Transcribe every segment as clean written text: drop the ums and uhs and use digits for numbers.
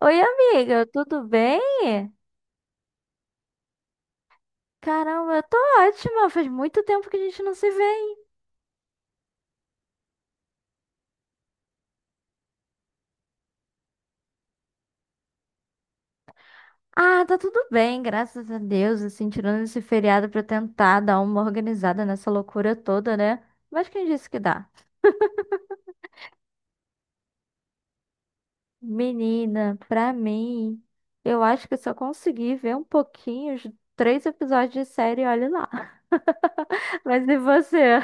Oi, amiga, tudo bem? Caramba, eu tô ótima. Faz muito tempo que a gente não se vê, hein? Ah, tá tudo bem, graças a Deus, assim, tirando esse feriado pra tentar dar uma organizada nessa loucura toda, né? Mas quem disse que dá? Menina, pra mim, eu acho que eu só consegui ver um pouquinho, os três episódios de série, olha lá. Mas e você?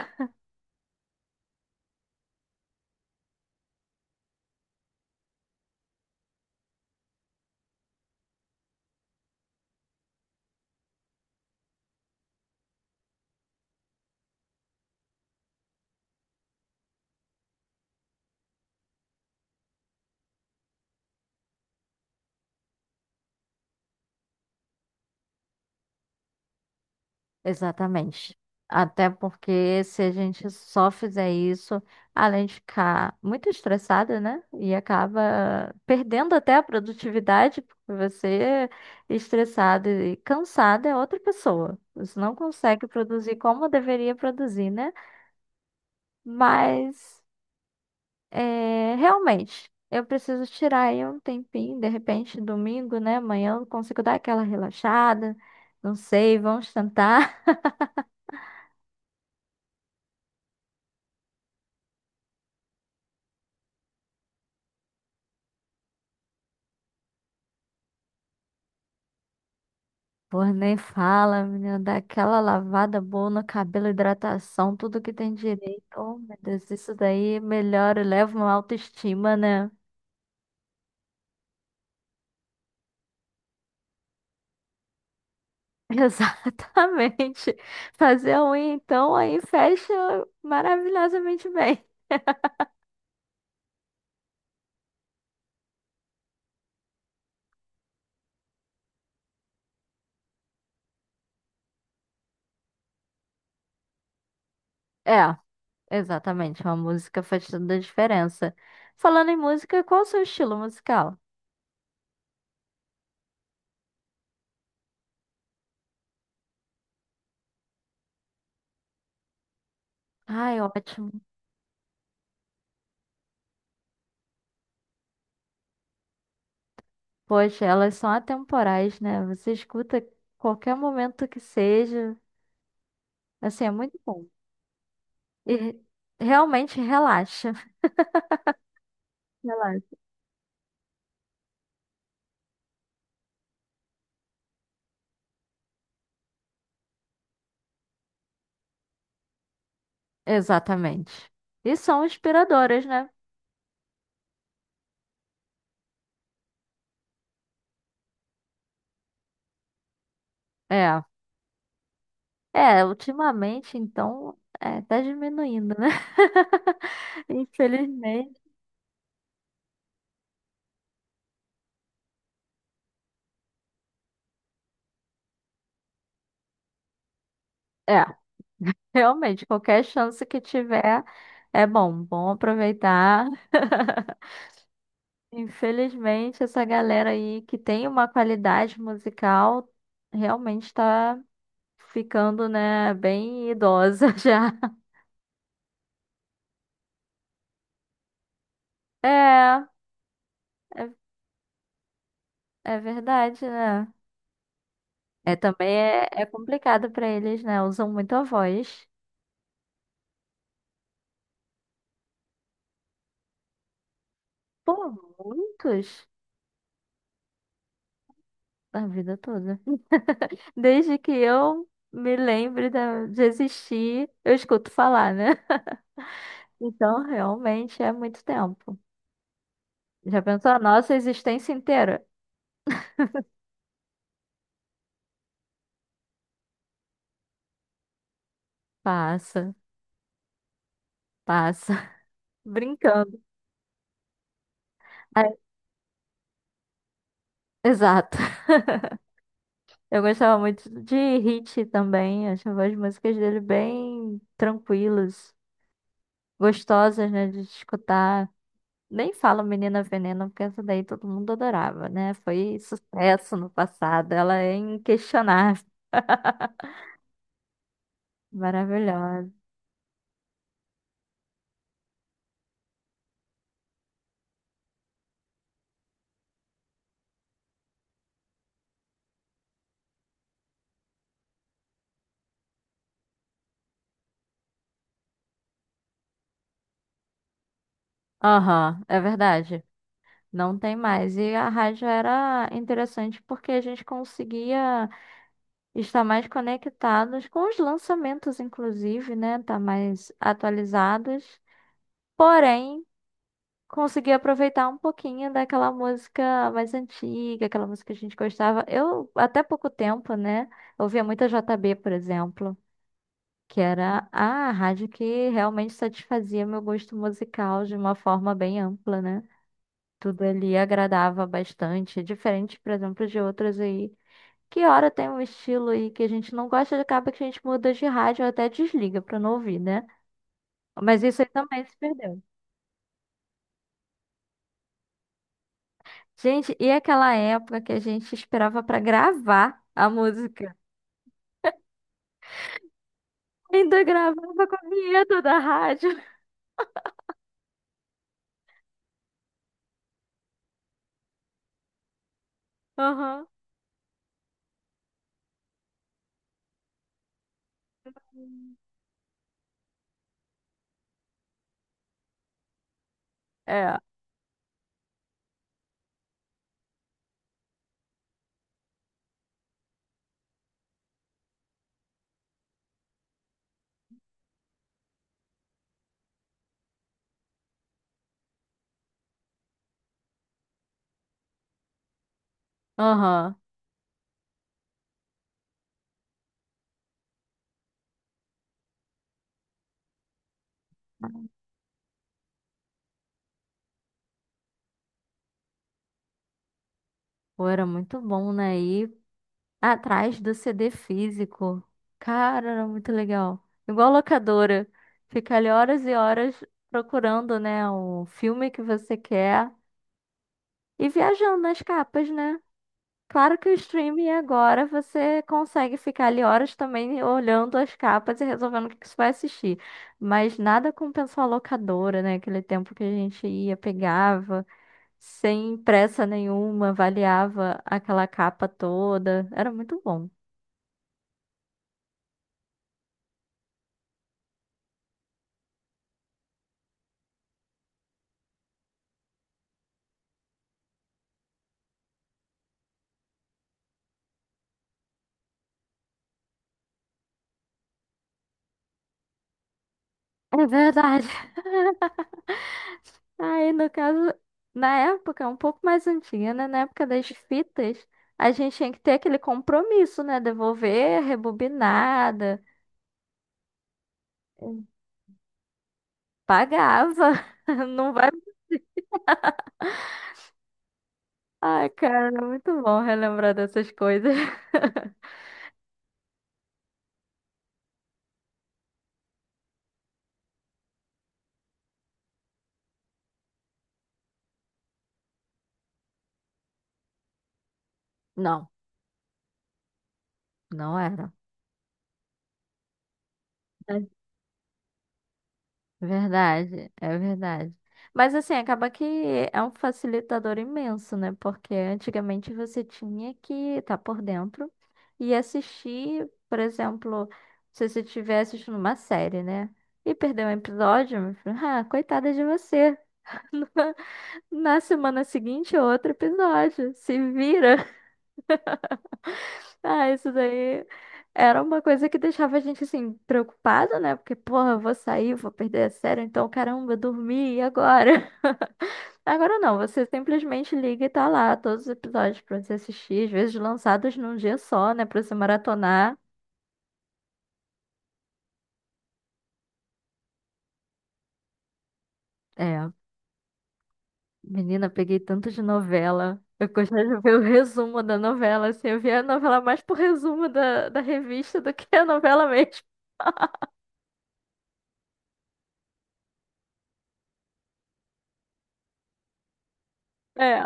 Exatamente. Até porque se a gente só fizer isso, além de ficar muito estressada, né? E acaba perdendo até a produtividade, porque você é estressada e cansada é outra pessoa. Você não consegue produzir como deveria produzir, né? Mas é, realmente, eu preciso tirar aí um tempinho, de repente, domingo, né? Amanhã eu consigo dar aquela relaxada. Não sei, vamos tentar. Pô, nem fala, menina, dá aquela lavada boa no cabelo, hidratação, tudo que tem direito. Oh, meu Deus, isso daí melhora, leva uma autoestima, né? Exatamente. Fazer a unha, então, aí fecha maravilhosamente bem. É, exatamente, uma música faz toda a diferença. Falando em música, qual o seu estilo musical? Ai, ótimo. Poxa, elas são atemporais, né? Você escuta qualquer momento que seja. Assim, é muito bom. E re- Realmente relaxa. Relaxa. Exatamente. E são inspiradoras, né? É. É, ultimamente, então, é, tá diminuindo, né? Infelizmente. É, realmente, qualquer chance que tiver é bom, bom aproveitar. Infelizmente, essa galera aí que tem uma qualidade musical realmente tá ficando, né, bem idosa já. É. é É verdade, né? É, também é, é complicado pra eles, né? Usam muito a voz. Por muitos, a vida toda. Desde que eu me lembre da- De existir, eu escuto falar, né? Então, realmente é muito tempo. Já pensou a nossa existência inteira? Passa, passa. Brincando. É, exato. Eu gostava muito de Hit também. Achava as músicas dele bem tranquilas, gostosas, né, de escutar. Nem fala Menina Veneno, porque essa daí todo mundo adorava, né? Foi sucesso no passado. Ela é inquestionável. Maravilhosa. Aham, é verdade. Não tem mais. E a rádio era interessante porque a gente conseguia estar mais conectados com os lançamentos, inclusive, né? Estar mais atualizados. Porém, consegui aproveitar um pouquinho daquela música mais antiga, aquela música que a gente gostava. Eu, até pouco tempo, né, ouvia muita J B, por exemplo, que era a rádio que realmente satisfazia meu gosto musical de uma forma bem ampla, né? Tudo ali agradava bastante, diferente, por exemplo, de outras aí. Que hora tem um estilo aí que a gente não gosta, acaba que a gente muda de rádio ou até desliga pra não ouvir, né? Mas isso aí também se perdeu. Gente, e aquela época que a gente esperava pra gravar a música? Ainda gravava com a vinheta da rádio. Aham. É. Aham. Pô, era muito bom, né? E atrás do CD físico. Cara, era muito legal. Igual locadora. Fica ali horas e horas procurando, né, o filme que você quer e viajando nas capas, né? Claro que o streaming agora você consegue ficar ali horas também olhando as capas e resolvendo o que que você vai assistir. Mas nada compensa a locadora, né? Aquele tempo que a gente ia, pegava, sem pressa nenhuma, avaliava aquela capa toda. Era muito bom. É verdade. Aí, no caso, na época, um pouco mais antiga, né? Na época das fitas, a gente tinha que ter aquele compromisso, né? Devolver, rebobinada, pagava. Não vai. Ai, cara, muito bom relembrar dessas coisas. Não, não era. É verdade, é verdade. Mas assim, acaba que é um facilitador imenso, né? Porque antigamente você tinha que estar por dentro e assistir, por exemplo, se você estiver assistindo uma série, né? E perdeu um episódio, meu filho, ah, coitada de você. Na semana seguinte, outro episódio. Se vira. Ah, isso daí era uma coisa que deixava a gente assim preocupada, né? Porque, porra, eu vou sair, vou perder a série, então caramba, eu dormi, e agora? Agora não, você simplesmente liga e tá lá todos os episódios pra você assistir, às vezes lançados num dia só, né? Pra você maratonar. É, menina, peguei tanto de novela. Eu gostava de ver o resumo da novela, assim, eu via a novela mais por resumo da revista do que a novela mesmo. É,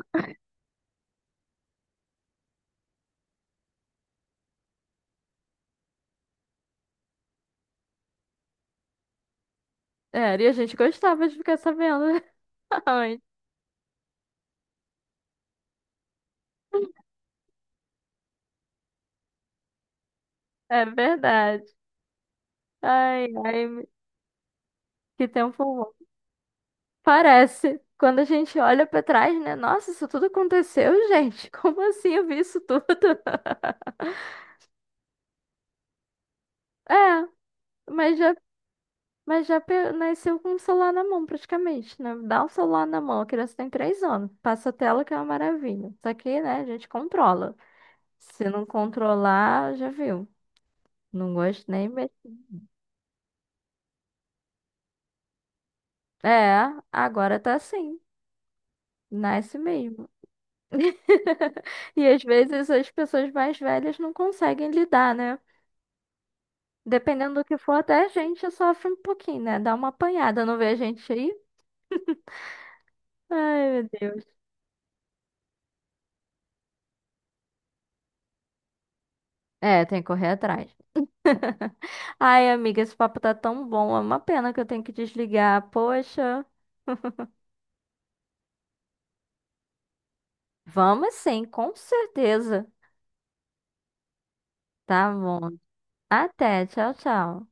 é, e a gente gostava de ficar sabendo antes. É verdade. Ai, ai, que tempo bom. Parece. Quando a gente olha pra trás, né? Nossa, isso tudo aconteceu, gente. Como assim eu vi isso tudo? É, mas já, nasceu com o celular na mão, praticamente, né? Dá o celular na mão, a criança tem 3 anos. Passa a tela que é uma maravilha. Só que, né, a gente controla. Se não controlar, já viu. Não gosto nem mesmo. É, agora tá assim. Nasce mesmo. E às vezes as pessoas mais velhas não conseguem lidar, né? Dependendo do que for, até a gente sofre um pouquinho, né? Dá uma apanhada, não vê a gente aí? Ai, meu Deus. É, tem que correr atrás. Ai, amiga, esse papo tá tão bom. É uma pena que eu tenho que desligar. Poxa. Vamos sim, com certeza. Tá bom. Até, tchau, tchau.